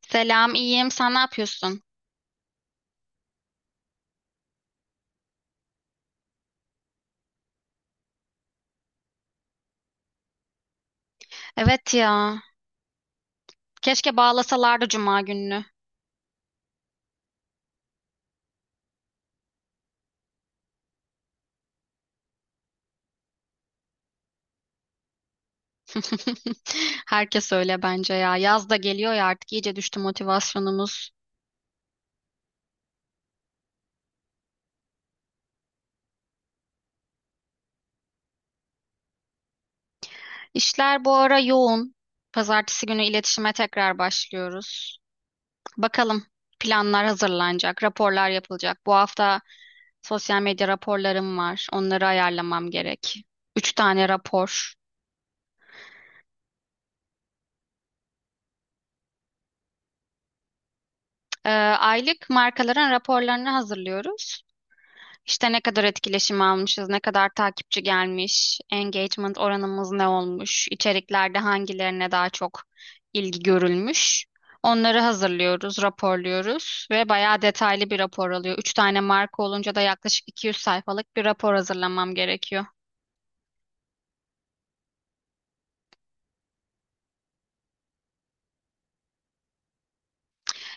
Selam, iyiyim. Sen ne yapıyorsun? Evet ya. Keşke bağlasalardı cuma gününü. Herkes öyle bence ya. Yaz da geliyor ya artık iyice düştü motivasyonumuz. İşler bu ara yoğun. Pazartesi günü iletişime tekrar başlıyoruz. Bakalım, planlar hazırlanacak, raporlar yapılacak. Bu hafta sosyal medya raporlarım var. Onları ayarlamam gerek. Üç tane rapor. Aylık markaların raporlarını hazırlıyoruz. İşte ne kadar etkileşim almışız, ne kadar takipçi gelmiş, engagement oranımız ne olmuş, içeriklerde hangilerine daha çok ilgi görülmüş. Onları hazırlıyoruz, raporluyoruz ve bayağı detaylı bir rapor alıyor. Üç tane marka olunca da yaklaşık 200 sayfalık bir rapor hazırlamam gerekiyor.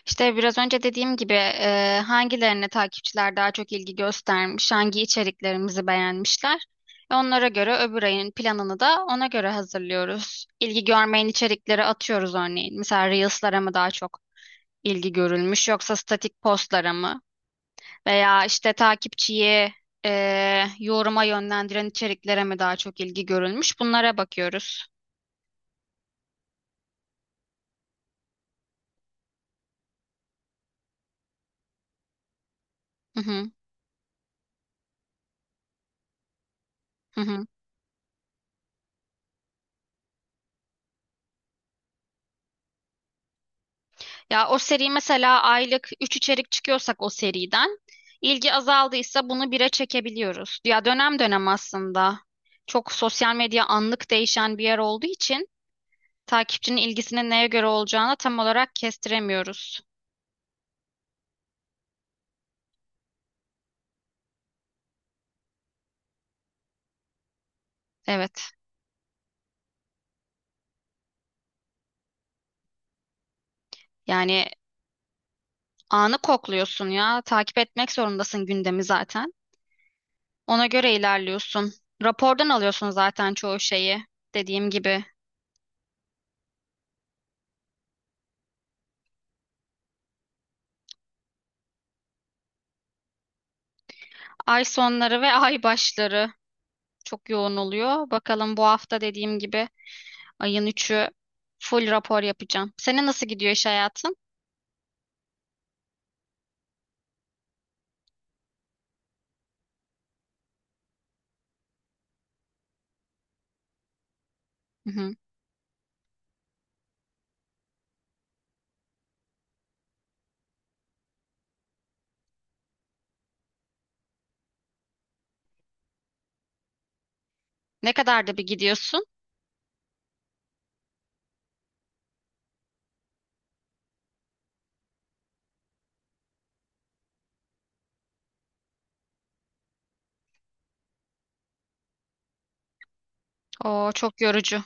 İşte biraz önce dediğim gibi hangilerine takipçiler daha çok ilgi göstermiş, hangi içeriklerimizi beğenmişler. Onlara göre öbür ayın planını da ona göre hazırlıyoruz. İlgi görmeyen içerikleri atıyoruz örneğin. Mesela Reels'lara mı daha çok ilgi görülmüş yoksa statik postlara mı? Veya işte takipçiyi e, yoruma yönlendiren içeriklere mi daha çok ilgi görülmüş? Bunlara bakıyoruz. Hı hı, hı hı. Ya o seri mesela aylık 3 içerik çıkıyorsak, o seriden ilgi azaldıysa bunu bire çekebiliyoruz. Ya dönem dönem aslında çok sosyal medya anlık değişen bir yer olduğu için takipçinin ilgisinin neye göre olacağını tam olarak kestiremiyoruz. Evet. Yani anı kokluyorsun ya. Takip etmek zorundasın gündemi zaten. Ona göre ilerliyorsun. Rapordan alıyorsun zaten çoğu şeyi, dediğim gibi. Ay sonları ve ay başları çok yoğun oluyor. Bakalım, bu hafta dediğim gibi ayın 3'ü full rapor yapacağım. Senin nasıl gidiyor iş hayatın? Hı hı. Ne kadarda bir gidiyorsun? O çok yorucu.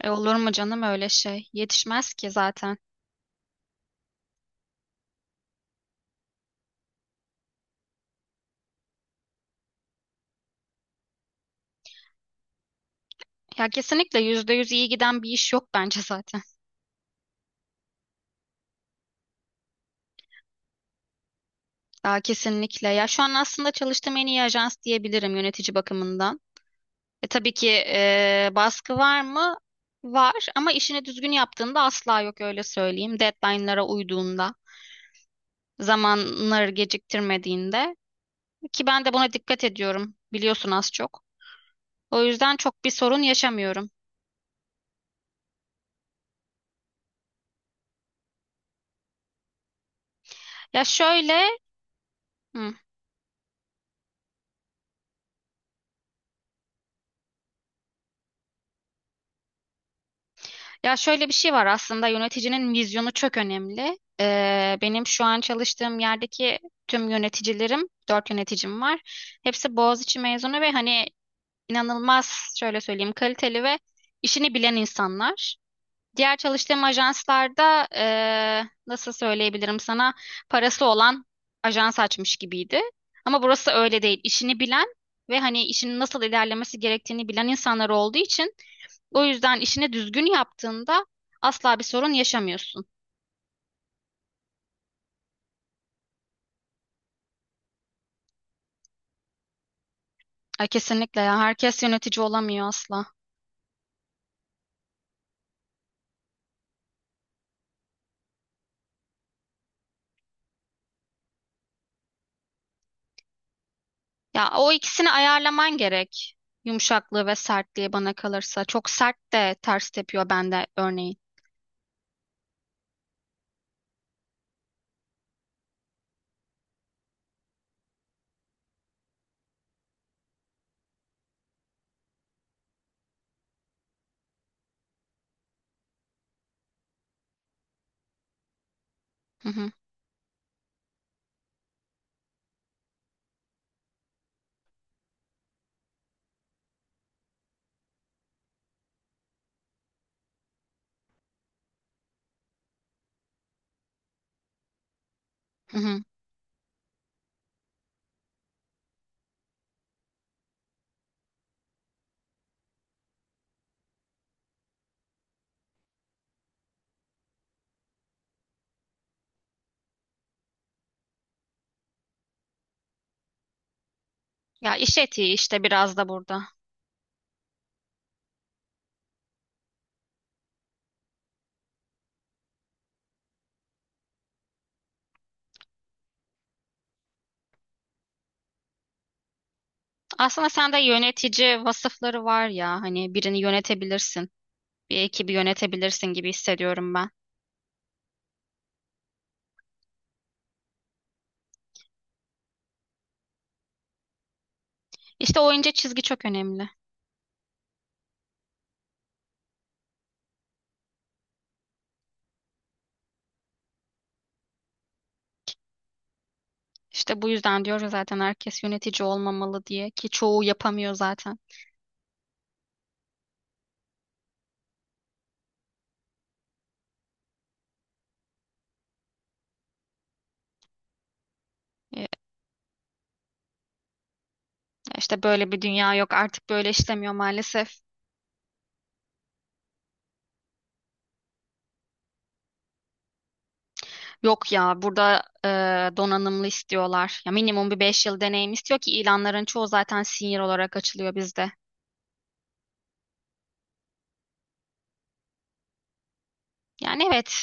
Olur mu canım öyle şey? Yetişmez ki zaten. Ya kesinlikle, %100 iyi giden bir iş yok bence zaten. Daha kesinlikle. Ya şu an aslında çalıştığım en iyi ajans diyebilirim yönetici bakımından. Tabii ki baskı var mı? Var ama işini düzgün yaptığında asla yok, öyle söyleyeyim. Deadline'lara uyduğunda, zamanları geciktirmediğinde. Ki ben de buna dikkat ediyorum, biliyorsun az çok. O yüzden çok bir sorun yaşamıyorum. Ya şöyle, hı, ya şöyle bir şey var aslında, yöneticinin vizyonu çok önemli. Benim şu an çalıştığım yerdeki tüm yöneticilerim, dört yöneticim var. Hepsi Boğaziçi mezunu ve hani inanılmaz, şöyle söyleyeyim, kaliteli ve işini bilen insanlar. Diğer çalıştığım ajanslarda nasıl söyleyebilirim sana, parası olan ajans açmış gibiydi. Ama burası öyle değil. İşini bilen ve hani işinin nasıl ilerlemesi gerektiğini bilen insanlar olduğu için o yüzden işini düzgün yaptığında asla bir sorun yaşamıyorsun. Ay, kesinlikle ya, herkes yönetici olamıyor asla. Ya o ikisini ayarlaman gerek. Yumuşaklığı ve sertliği, bana kalırsa. Çok sert de ters tepiyor bende örneğin. Hı hı, hı hı. Ya iş etiği işte biraz da burada. Aslında sende yönetici vasıfları var ya, hani birini yönetebilirsin, bir ekibi yönetebilirsin gibi hissediyorum ben. İşte o ince çizgi çok önemli. İşte bu yüzden diyoruz zaten herkes yönetici olmamalı diye, ki çoğu yapamıyor zaten. E, İşte böyle bir dünya yok artık, böyle işlemiyor maalesef. Yok ya, burada donanımlı istiyorlar. Ya minimum bir 5 yıl deneyim istiyor ki ilanların çoğu zaten senior olarak açılıyor bizde. Yani evet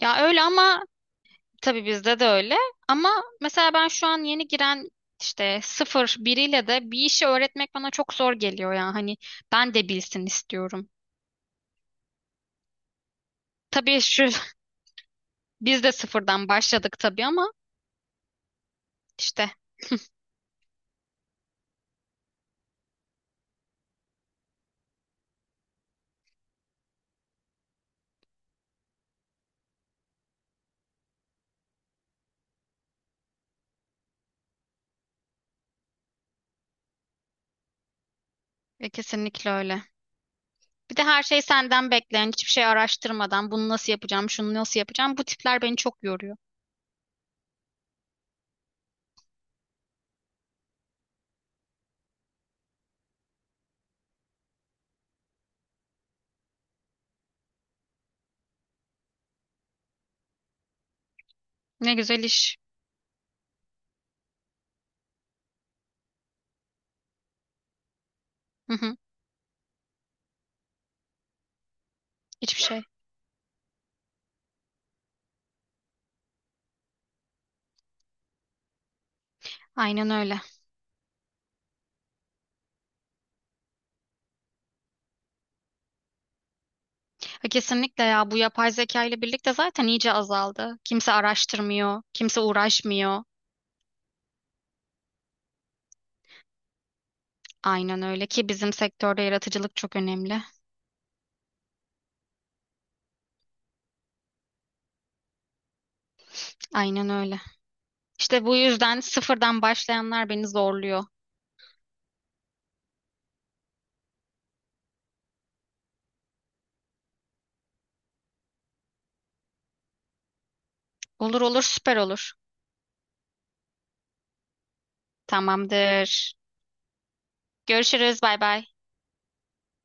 ya, öyle ama tabii bizde de öyle. Ama mesela ben şu an yeni giren, işte sıfır biriyle de bir işi öğretmek bana çok zor geliyor ya. Hani ben de bilsin istiyorum. Tabii biz de sıfırdan başladık tabii ama işte. Kesinlikle öyle. Bir de her şey senden bekleyen, hiçbir şey araştırmadan bunu nasıl yapacağım, şunu nasıl yapacağım. Bu tipler beni çok yoruyor. Ne güzel iş. Hı hı, hiçbir şey. Aynen öyle. Ha, kesinlikle ya, bu yapay zeka ile birlikte zaten iyice azaldı. Kimse araştırmıyor, kimse uğraşmıyor. Aynen öyle ki bizim sektörde yaratıcılık çok önemli. Aynen öyle. İşte bu yüzden sıfırdan başlayanlar beni zorluyor. Olur olur, süper olur. Tamamdır. Görüşürüz, bay bay.